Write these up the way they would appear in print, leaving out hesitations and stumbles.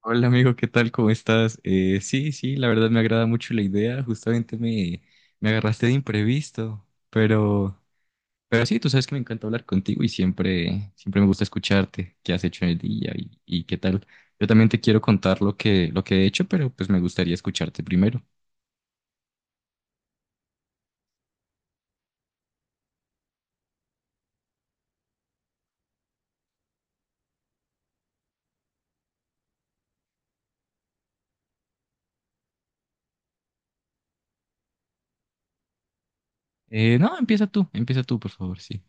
Hola amigo, ¿qué tal? ¿Cómo estás? Sí, sí, la verdad me agrada mucho la idea. Justamente me agarraste de imprevisto, pero, pero sí, tú sabes que me encanta hablar contigo y siempre, siempre me gusta escucharte qué has hecho en el día y qué tal. Yo también te quiero contar lo que he hecho, pero pues me gustaría escucharte primero. No, empieza tú, por favor, sí.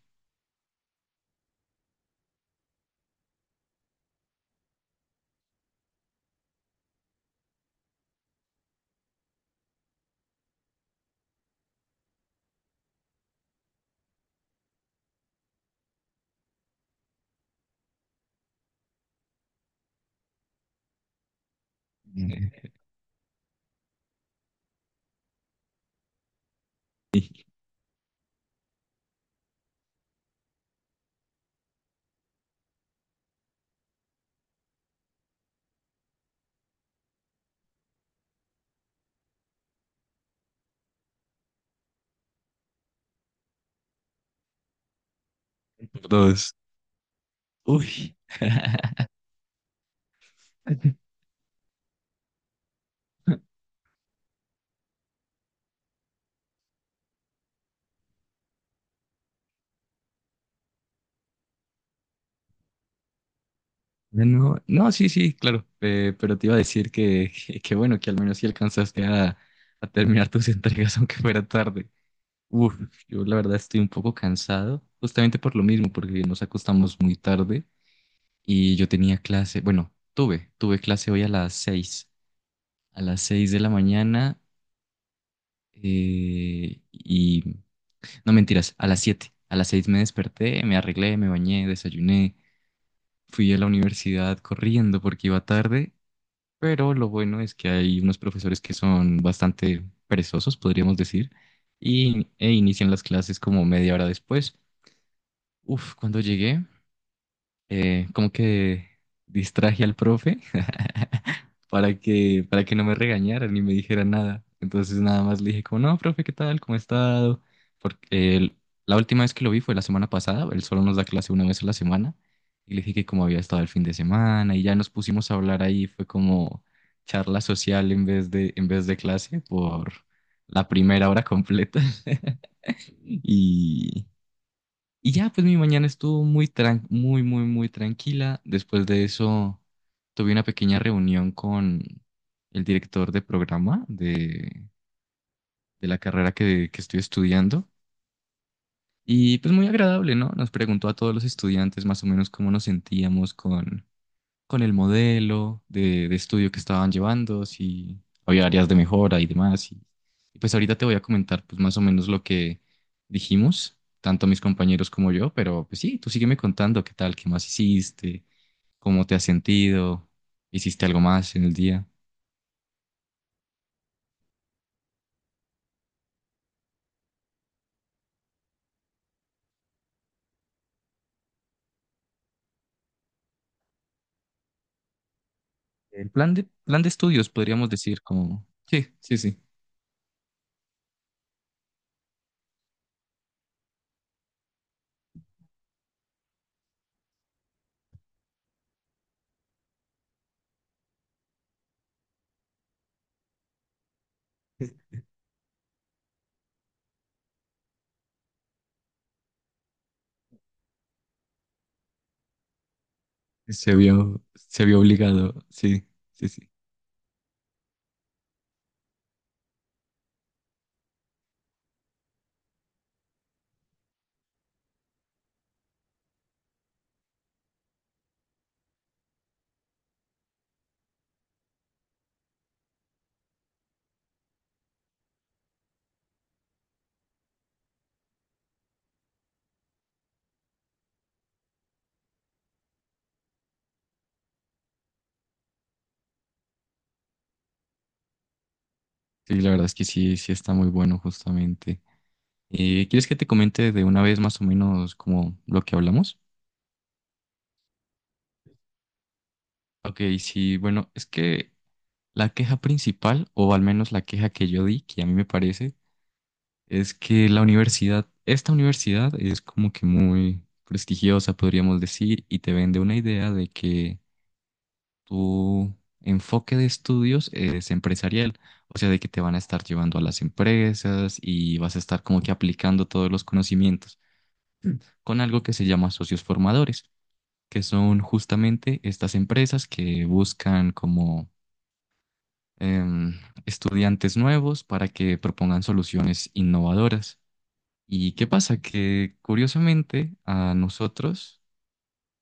Eh, por dos. Uy. No, no, sí, sí, claro, pero te iba a decir que, que bueno, que al menos sí alcanzaste a terminar tus entregas aunque fuera tarde. Uf, yo la verdad estoy un poco cansado, justamente por lo mismo, porque nos acostamos muy tarde y yo tenía clase, bueno, tuve clase hoy a las seis de la mañana eh, y, no mentiras, a las siete, a las seis me desperté, me arreglé, me bañé, desayuné, fui a la universidad corriendo porque iba tarde. Pero lo bueno es que hay unos profesores que son bastante perezosos, podríamos decir, e inician las clases como media hora después. Uf, cuando llegué, como que distraje al profe para que no me regañara ni me dijera nada. Entonces nada más le dije como, no, profe, ¿qué tal? ¿Cómo ha estado? Porque la última vez que lo vi fue la semana pasada, él solo nos da clase una vez a la semana. Y le dije que cómo había estado el fin de semana y ya nos pusimos a hablar ahí, fue como charla social en vez de clase por la primera hora completa. Y, y ya, pues mi mañana estuvo muy, muy, muy tranquila. Después de eso, tuve una pequeña reunión con el director de programa de la carrera que estoy estudiando. Y pues muy agradable, ¿no? Nos preguntó a todos los estudiantes más o menos cómo nos sentíamos con el modelo de estudio que estaban llevando, si había áreas de mejora y demás. Y pues ahorita te voy a comentar pues más o menos lo que dijimos, tanto mis compañeros como yo, pero pues sí, tú sígueme contando qué tal, qué más hiciste, cómo te has sentido, hiciste algo más en el día. El plan de estudios, podríamos decir, como... Sí, sí, sí. Se vio obligado, sí, sí, sí. Sí, la verdad es que sí, sí está muy bueno justamente. ¿Y quieres que te comente de una vez más o menos como lo que hablamos? Ok, sí, bueno, es que la queja principal, o al menos la queja que yo di, que a mí me parece, es que la universidad, esta universidad es como que muy prestigiosa, podríamos decir, y te vende una idea de que tu enfoque de estudios es empresarial, o sea, de que te van a estar llevando a las empresas y vas a estar como que aplicando todos los conocimientos con algo que se llama socios formadores, que son justamente estas empresas que buscan como em, estudiantes nuevos para que propongan soluciones innovadoras. ¿Y qué pasa? Que curiosamente a nosotros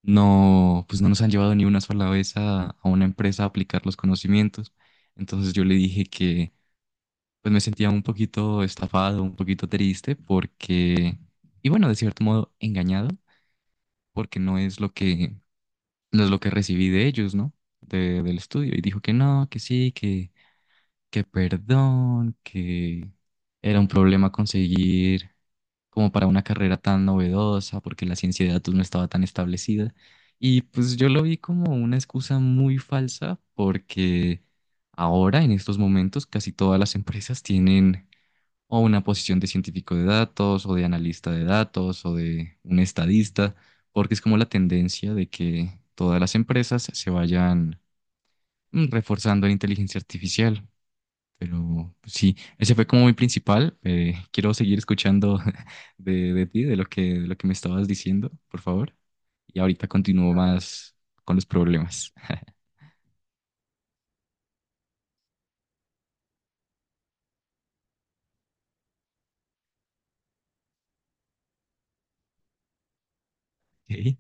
no, pues no nos han llevado ni una sola vez a una empresa a aplicar los conocimientos. Entonces yo le dije que pues me sentía un poquito estafado, un poquito triste porque, y bueno, de cierto modo engañado, porque no es lo que recibí de ellos, ¿no? Del estudio. Y dijo que no, que sí, que perdón, que era un problema conseguir como para una carrera tan novedosa, porque la ciencia de datos no estaba tan establecida. Y pues yo lo vi como una excusa muy falsa, porque ahora, en estos momentos, casi todas las empresas tienen o una posición de científico de datos o de analista de datos o de un estadista, porque es como la tendencia de que todas las empresas se vayan reforzando la inteligencia artificial. Pero pues, sí, ese fue como mi principal. Quiero seguir escuchando de ti, de lo que me estabas diciendo, por favor. Y ahorita continúo más con los problemas. Ok.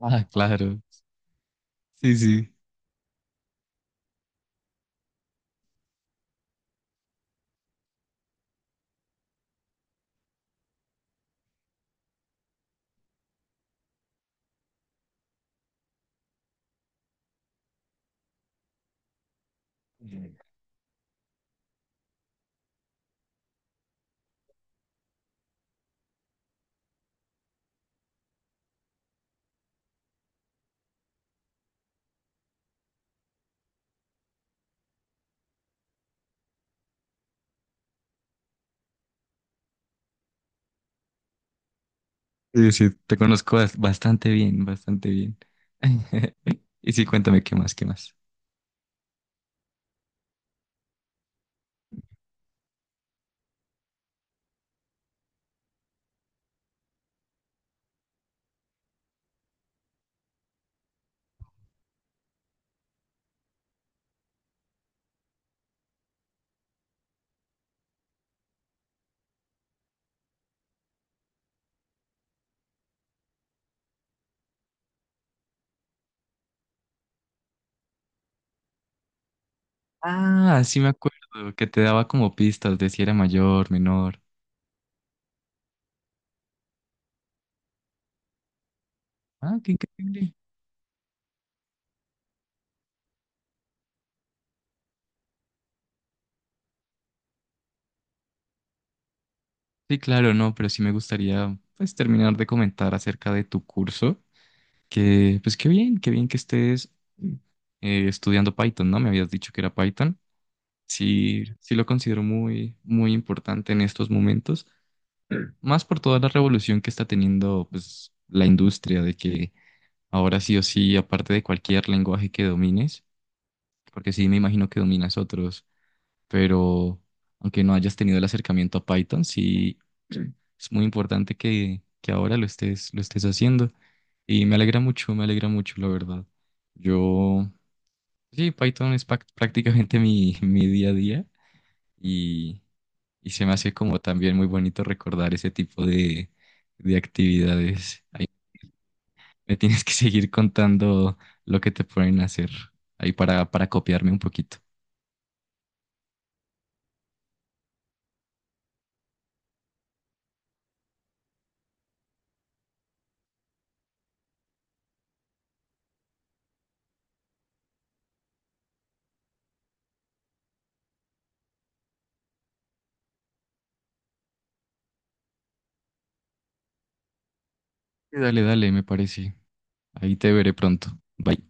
Ah, claro. Sí, sí. Sí, sí, te conozco bastante bien, bastante bien. Y sí, cuéntame qué más, qué más. Ah, sí me acuerdo que te daba como pistas de si era mayor, menor. Ah, qué increíble. Sí, claro, no, pero sí me gustaría pues terminar de comentar acerca de tu curso, que pues qué bien que estés estudiando Python, ¿no? Me habías dicho que era Python. Sí, sí lo considero muy, muy importante en estos momentos, más por toda la revolución que está teniendo pues la industria de que ahora sí o sí, aparte de cualquier lenguaje que domines, porque sí me imagino que dominas otros, pero aunque no hayas tenido el acercamiento a Python, sí es muy importante que ahora lo estés haciendo. Y me alegra mucho, la verdad. Yo, sí, Python es prácticamente mi, mi día a día y, y se me hace como también muy bonito recordar ese tipo de actividades. Me tienes que seguir contando lo que te pueden hacer ahí para copiarme un poquito. Sí, dale, dale, me parece. Ahí te veré pronto. Bye.